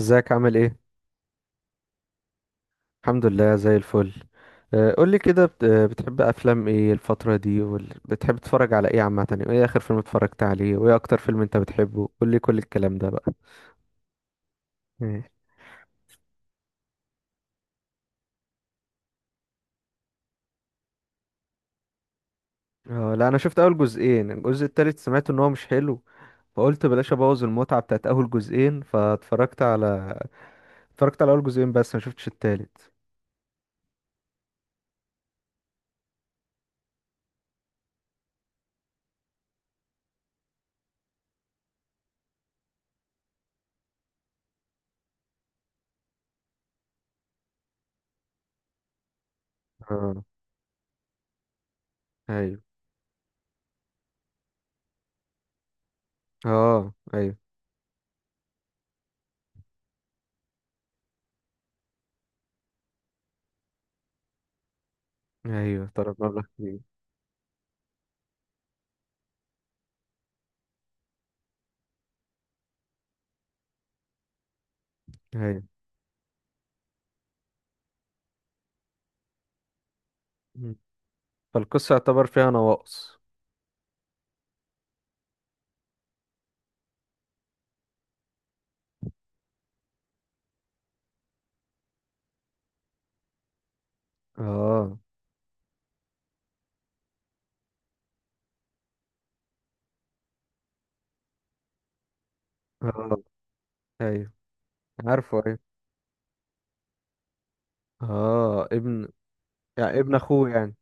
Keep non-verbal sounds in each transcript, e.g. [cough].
ازيك عامل ايه؟ الحمد لله زي الفل. قولي كده بتحب افلام ايه الفترة دي؟ وبتحب تتفرج على ايه عامة؟ وايه اخر فيلم اتفرجت عليه؟ وايه اكتر فيلم انت بتحبه؟ قولي كل الكلام ده بقى. مم. اه، لا، انا شفت اول جزئين. الجزء التالت سمعت ان هو مش حلو، فقلت بلاش ابوظ المتعة بتاعت اول جزئين. فاتفرجت على اول جزئين بس ما شفتش التالت. اه، ايوه. اه، ايوه. ايوه، طلب مبلغ كبير. ايوه. مم. فالقصة يعتبر فيها نواقص. اه. اه، ايوه. عارفه، ايوه. اه، ابن. يعني ابن اخوه يعني.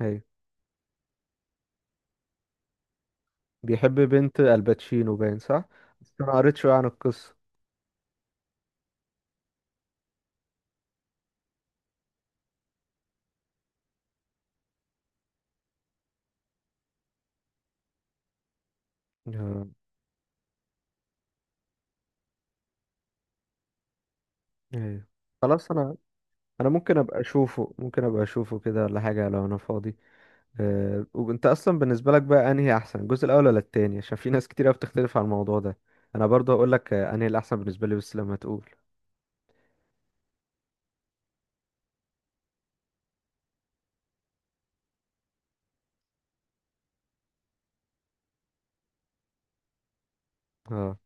ايوه. بيحب بنت الباتشينو، باين صح. بس انا قريت شويه عن القصه. آه. ايوه. خلاص. انا ممكن ابقى اشوفه، ممكن ابقى اشوفه كده ولا حاجه، لو انا فاضي. آه. وانت اصلا بالنسبه لك بقى، انهي احسن، الجزء الاول ولا التاني؟ عشان في ناس كتير قوي بتختلف على الموضوع ده. انا برضه هقول لك انهي الاحسن بالنسبه لي، بس لما تقول. اه،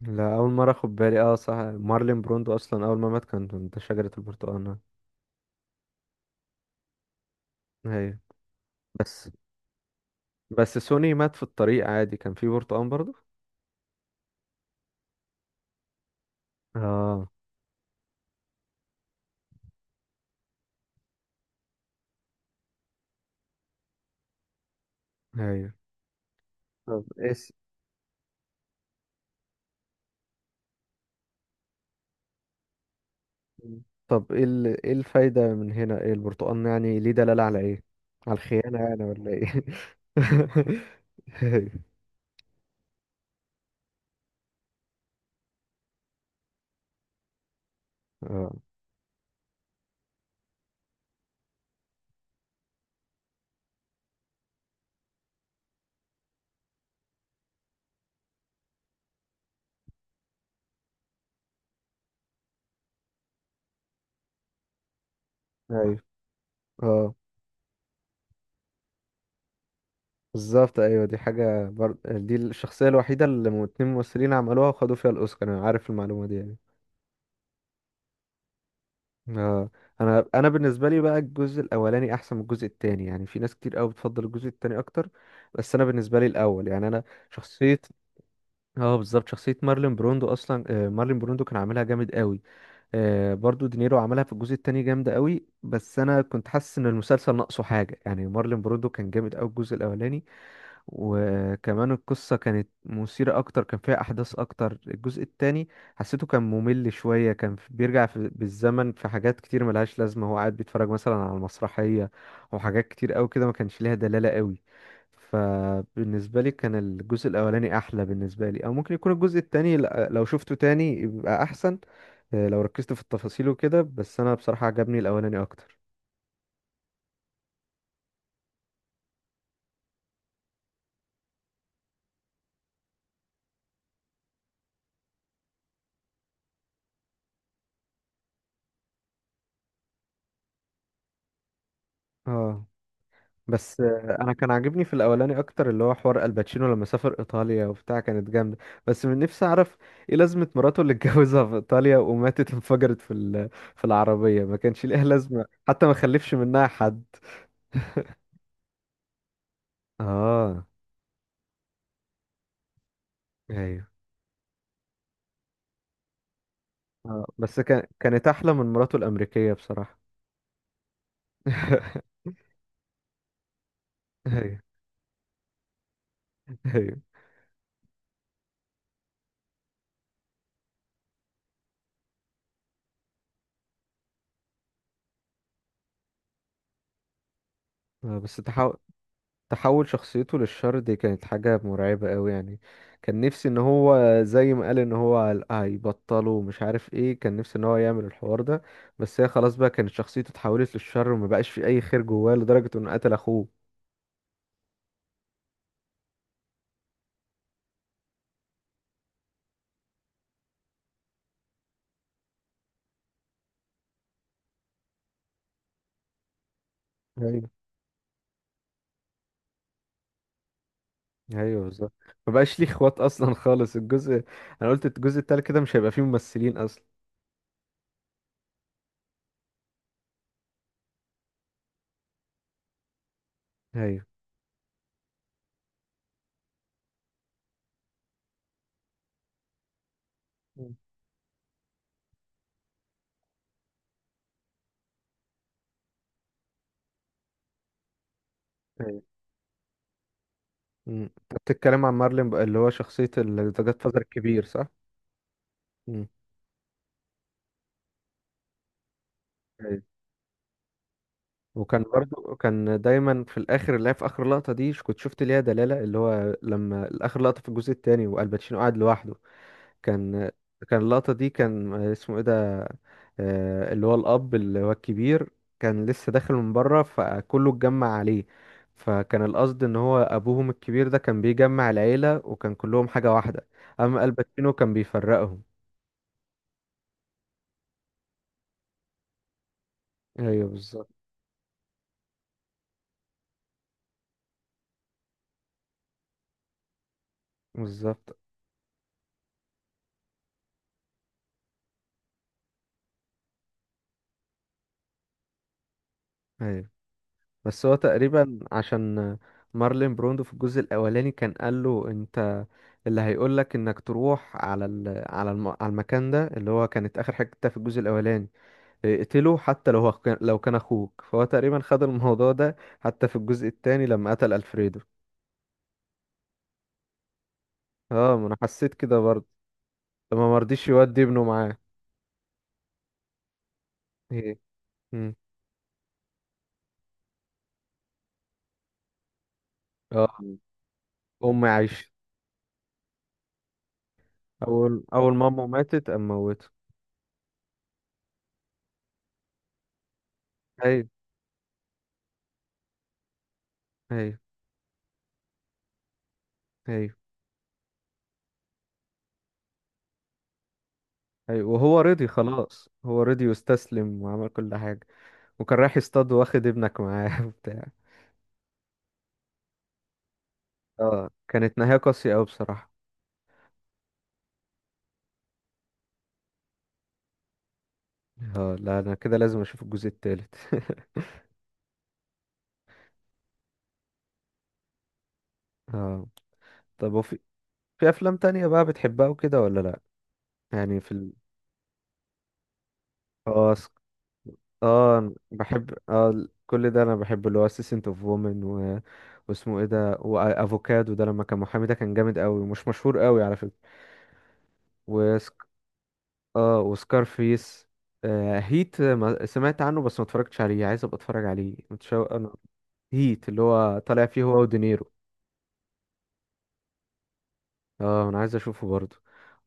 لا، اول مره اخد بالي. اه صح، مارلين بروندو اصلا اول ما مات كان ده شجره البرتقال. نعم. ايوه. بس بس سوني مات في الطريق عادي، كان في برتقان برضه. اه، ايوه. طب ايه س- ايه الفايدة من هنا؟ ايه البرتقان يعني ليه؟ دلالة على ايه، على الخيانة يعني ولا ايه؟ [laughs] ايوه. اه، ايوه. اه، بالظبط. ايوه، دي الشخصية الوحيدة اللي اتنين ممثلين عملوها وخدوا فيها الاوسكار. انا عارف المعلومة دي يعني. اه. انا بالنسبه لي بقى الجزء الاولاني احسن من الجزء التاني. يعني في ناس كتير قوي بتفضل الجزء التاني اكتر، بس انا بالنسبه لي الاول. يعني انا شخصيه. اه، بالظبط، شخصيه مارلين بروندو اصلا. مارلين بروندو كان عاملها جامد قوي. برضو دينيرو عملها في الجزء التاني جامده قوي، بس انا كنت حاسس ان المسلسل ناقصه حاجه. يعني مارلين بروندو كان جامد قوي الجزء الاولاني. وكمان القصة كانت مثيرة أكتر، كان فيها أحداث أكتر. الجزء التاني حسيته كان ممل شوية، كان بيرجع في بالزمن في حاجات كتير ملهاش لازمة. هو قاعد بيتفرج مثلا على المسرحية أو حاجات كتير أوي كده ما كانش ليها دلالة أوي. فبالنسبة لي كان الجزء الأولاني أحلى بالنسبة لي، أو ممكن يكون الجزء التاني لو شفته تاني يبقى أحسن، لو ركزت في التفاصيل وكده. بس أنا بصراحة عجبني الأولاني أكتر. اه. بس انا كان عاجبني في الاولاني اكتر، اللي هو حوار الباتشينو لما سافر ايطاليا وبتاع، كانت جامده. بس من نفسي اعرف ايه لازمه مراته اللي [laughs] اتجوزها في ايطاليا، وماتت انفجرت في العربيه. ما كانش ليها لازمه، حتى ما خلفش منها حد. اه، ايوه. آه. بس كانت احلى من مراته الامريكيه بصراحه. [laughs] ايوه. ايوه. بس تحول شخصيته للشر دي كانت حاجة مرعبة قوي يعني. كان نفسي ان هو، زي ما قال ان هو هيبطله ومش عارف ايه، كان نفسي ان هو يعمل الحوار ده. بس هي خلاص بقى كانت شخصيته اتحولت للشر، وما بقاش في اي خير جواه، لدرجة انه قتل اخوه. ايوه. ايوه، بالظبط. ما بقاش ليه اخوات اصلا. [laughs] خالص الجزء انا قلت الجزء التالت كده مش هيبقى فيه ممثلين اصلا. ايوه. مم. ايوه. امم، بتتكلم عن مارلين بقى، اللي هو شخصية ذا جاد فازر الكبير، صح؟ امم. وكان برضو كان دايما في الاخر اللي هي، في اخر لقطه دي كنت شفت ليها دلاله، اللي هو لما اخر لقطه في الجزء الثاني والباتشينو قاعد لوحده. كان كان اللقطه دي، كان اسمه ايه ده، اللي هو الاب اللي هو الكبير، كان لسه داخل من بره فكله اتجمع عليه. فكان القصد ان هو ابوهم الكبير ده كان بيجمع العيله وكان كلهم حاجه واحده، اما الباتشينو كان بيفرقهم. ايوه، بالظبط. بالظبط. أيوة. بس هو تقريبا عشان مارلين بروندو في الجزء الاولاني كان قال له، انت اللي هيقول لك انك تروح على المكان ده، اللي هو كانت اخر حته في الجزء الاولاني، اقتله حتى لو كان اخوك. فهو تقريبا خد الموضوع ده حتى في الجزء الثاني لما قتل الفريدو. اه، ما انا حسيت كده برضه. لما مرضيش يودي ابنه معاه. ايه. مم. اه. مم. امي عايشه. اول ما امه ماتت قام موته. ايوه. ايوه. ايوه. ايوه. وهو رضي، خلاص هو رضي واستسلم وعمل كل حاجة. وكان رايح يصطاد واخد ابنك معاه [laughs] وبتاع. اه، كانت نهاية قاسية أوي بصراحة. اه، لا، انا كده لازم اشوف الجزء التالت. [laughs] اه. طب وفي افلام تانية بقى بتحبها وكده ولا لا؟ يعني في ال... اه س- اه أنا بحب اه ال- كل ده انا بحب اللي هو اسيسنت اوف وومن واسمه ايه ده، وافوكادو ده لما كان محامي ده، كان جامد قوي ومش مشهور قوي على فكرة. اه، وسكارفيس. هيت. ما سمعت عنه بس ما اتفرجتش عليه، عايز ابقى اتفرج عليه، متشوق انا. هيت، اللي هو طالع فيه هو ودينيرو. اه، انا عايز اشوفه برضه.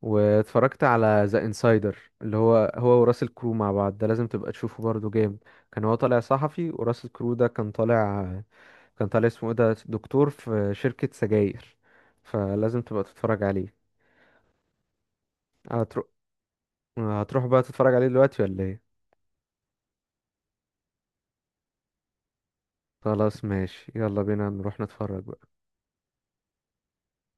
واتفرجت على ذا انسايدر، اللي هو هو وراسل كرو مع بعض، ده لازم تبقى تشوفه برضه، جامد. كان هو طالع صحفي، وراسل كرو ده كان طالع اسمه ايه ده، دكتور في شركة سجاير. فلازم تبقى تتفرج عليه. هتروح هتروح بقى تتفرج عليه دلوقتي ولا ايه؟ خلاص ماشي، يلا بينا نروح نتفرج بقى.